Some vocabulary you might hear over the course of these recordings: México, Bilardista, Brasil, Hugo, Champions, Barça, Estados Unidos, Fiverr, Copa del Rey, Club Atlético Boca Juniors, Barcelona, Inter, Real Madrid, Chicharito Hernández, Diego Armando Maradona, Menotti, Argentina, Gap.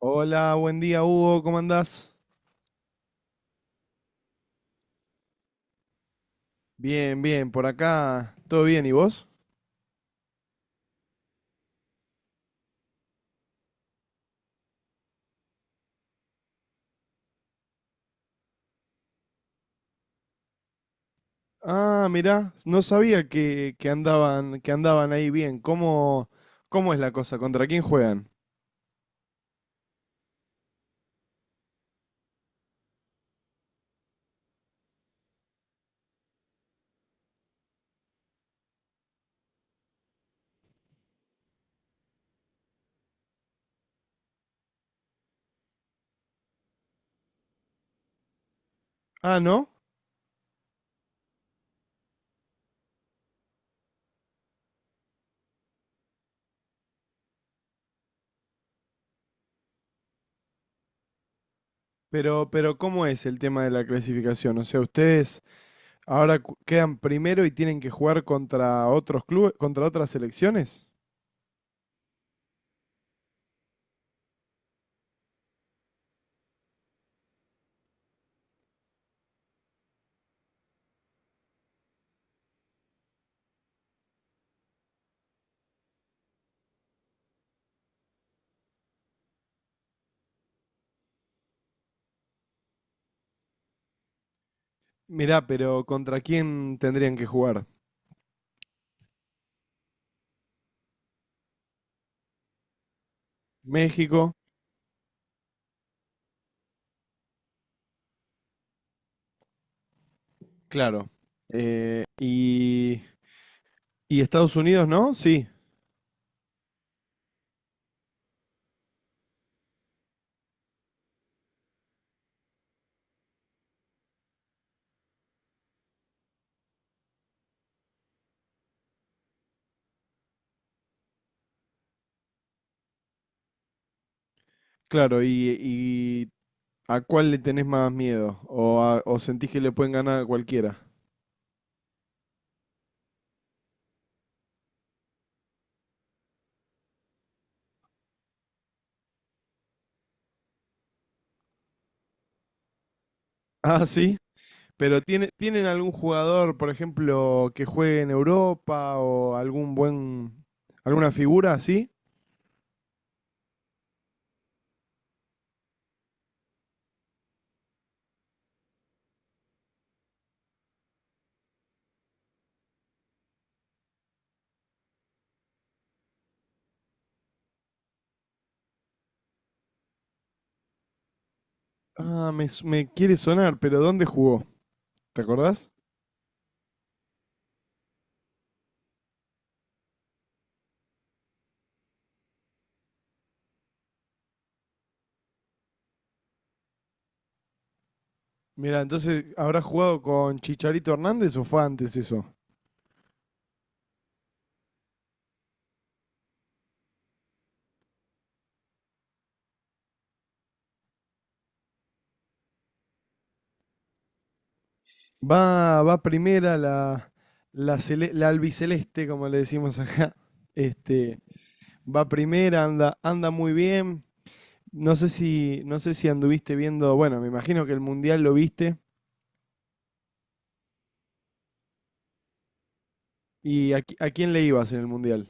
Hola, buen día, Hugo, ¿cómo andás? Bien, bien, por acá, ¿todo bien? ¿Y vos? Ah, mirá, no sabía que andaban, que andaban ahí bien. ¿Cómo, cómo es la cosa? ¿Contra quién juegan? Ah, ¿no? Pero ¿cómo es el tema de la clasificación? O sea, ustedes ahora quedan primero y tienen que jugar contra otros clubes, contra otras selecciones. Mirá, pero ¿contra quién tendrían que jugar? México, claro. Eh, y, y Estados Unidos, ¿no? Sí. Claro, y ¿a cuál le tenés más miedo? ¿O, o sentís que le pueden ganar a cualquiera? Ah, sí. Pero tiene, ¿tienen algún jugador, por ejemplo, que juegue en Europa o algún buen, alguna figura así? Ah, me quiere sonar, pero ¿dónde jugó? ¿Te acordás? Mira, entonces, ¿habrá jugado con Chicharito Hernández o fue antes eso? Va, va primera la albiceleste, como le decimos acá. Este, Va primera, anda, anda muy bien. No sé si anduviste viendo, bueno, me imagino que el Mundial lo viste. ¿Y a, a quién le ibas en el Mundial?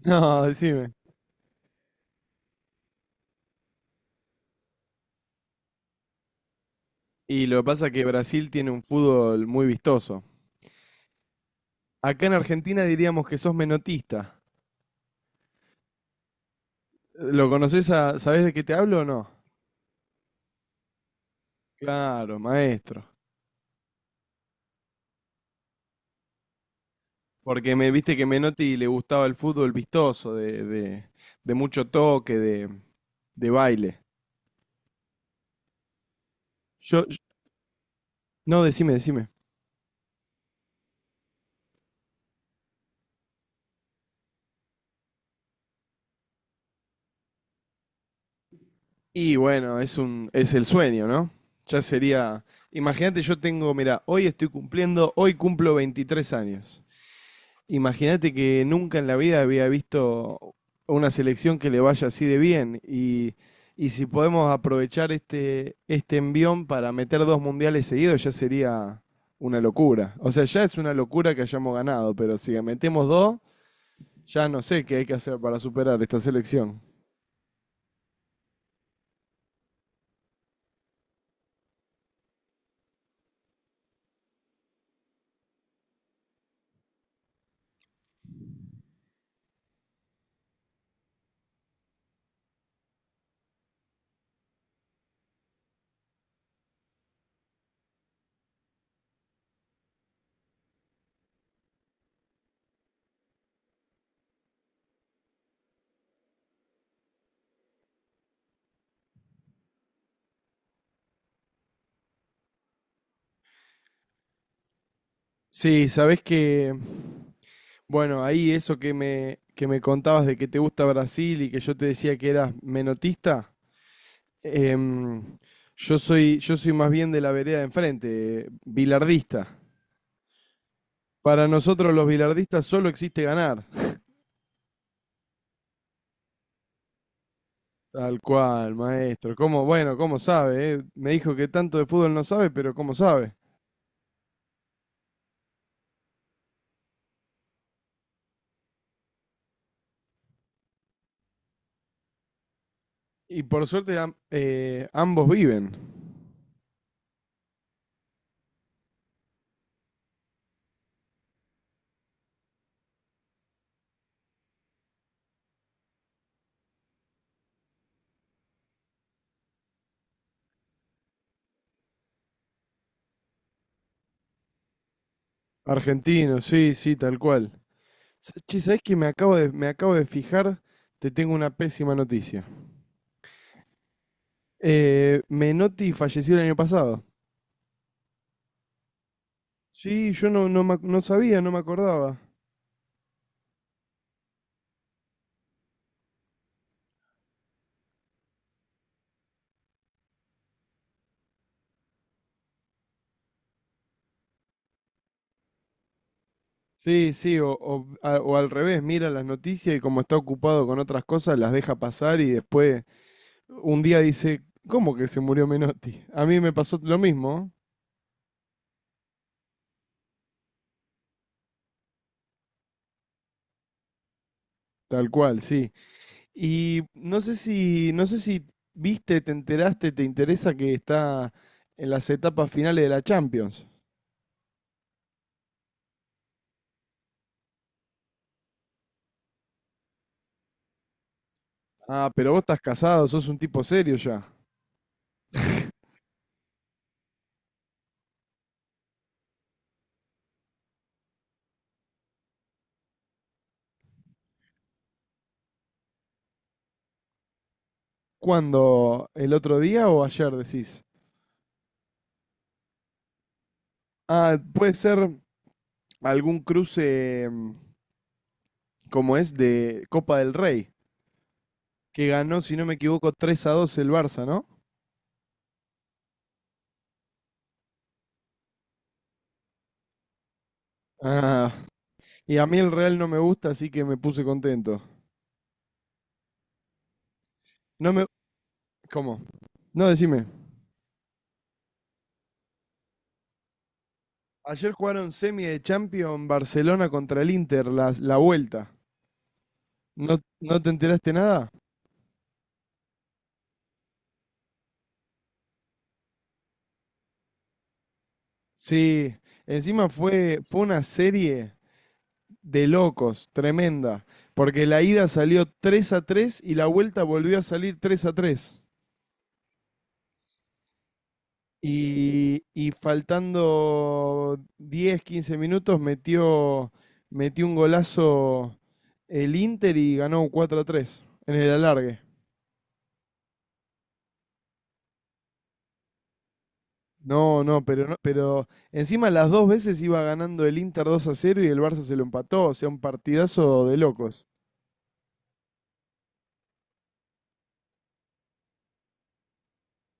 No, decime. Y lo que pasa es que Brasil tiene un fútbol muy vistoso. Acá en Argentina diríamos que sos menotista. ¿Lo conoces a, sabés de qué te hablo o no? Claro, maestro. Porque me viste que Menotti le gustaba el fútbol vistoso, de mucho toque, de baile. Yo, yo- no, decime, decime. Y bueno, es un, es el sueño, ¿no? Ya sería. Imagínate, yo tengo, mira, hoy estoy cumpliendo, hoy cumplo 23 años. Imagínate que nunca en la vida había visto una selección que le vaya así de bien. Y si podemos aprovechar este, este envión para meter dos mundiales seguidos, ya sería una locura. O sea, ya es una locura que hayamos ganado, pero si metemos dos, ya no sé qué hay que hacer para superar esta selección. Sí, sabés que bueno, ahí eso que que me contabas de que te gusta Brasil y que yo te decía que eras menotista, em, yo soy más bien de la vereda de enfrente, bilardista. Para nosotros los bilardistas solo existe ganar. Tal cual, maestro. ¿Cómo? Bueno, ¿cómo sabe, eh? Me dijo que tanto de fútbol no sabe, pero ¿cómo sabe? Y por suerte ambos viven. Argentinos, sí, sí, tal cual. Che, ¿sabés que me acabo de fijar? Te tengo una pésima noticia. Menotti falleció el año pasado. Sí, yo no, no, me ac- no sabía, no me acordaba. Sí, sí, o, o al revés, mira las noticias y como está ocupado con otras cosas, las deja pasar y después un día dice, ¿cómo que se murió Menotti? A mí me pasó lo mismo, tal cual, sí. Y no sé si viste, te enteraste, te interesa que está en las etapas finales de la Champions. Ah, pero vos estás casado, sos un tipo serio ya. ¿Cuándo? ¿El otro día o ayer decís? Ah, puede ser algún cruce como es de Copa del Rey, que ganó, si no me equivoco, 3 a 2 el Barça, ¿no? Ah, y a mí el Real no me gusta, así que me puse contento. No me... ¿Cómo? No, decime. Ayer jugaron semi de Champions Barcelona contra el Inter, la vuelta. ¿No, no te enteraste nada? Sí, encima fue, fue una serie de locos, tremenda. Porque la ida salió 3 a 3 y la vuelta volvió a salir 3 a tres. Y faltando 10 15 minutos metió, metió un golazo el Inter y ganó 4 a 3 en el alargue. No, no, pero no, pero encima las dos veces iba ganando el Inter 2 a cero y el Barça se lo empató, o sea, un partidazo de locos.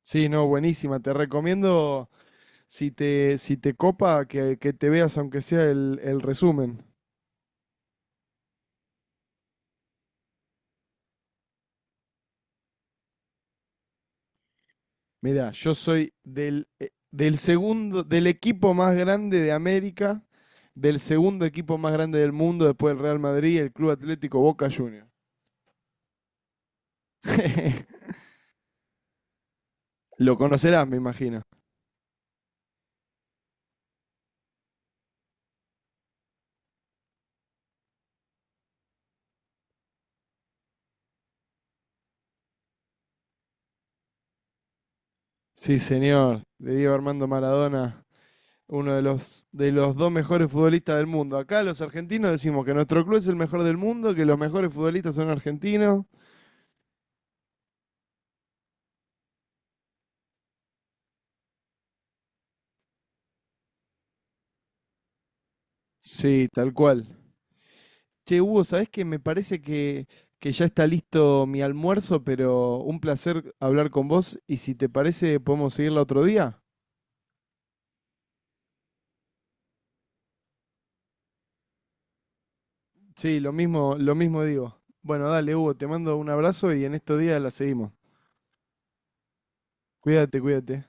Sí, no, buenísima, te recomiendo si te copa, que te veas aunque sea el resumen. Mirá, yo soy del, del segundo, del equipo más grande de América, del segundo equipo más grande del mundo después del Real Madrid, el Club Atlético Boca Juniors. Lo conocerás, me imagino. Sí, señor, de Diego Armando Maradona, uno de los dos mejores futbolistas del mundo. Acá los argentinos decimos que nuestro club es el mejor del mundo, que los mejores futbolistas son argentinos. Sí, tal cual. Che, Hugo, ¿sabés que me parece que ya está listo mi almuerzo, pero un placer hablar con vos y si te parece podemos seguirla otro día? Sí, lo mismo digo. Bueno, dale, Hugo, te mando un abrazo y en estos días la seguimos. Cuídate, cuídate.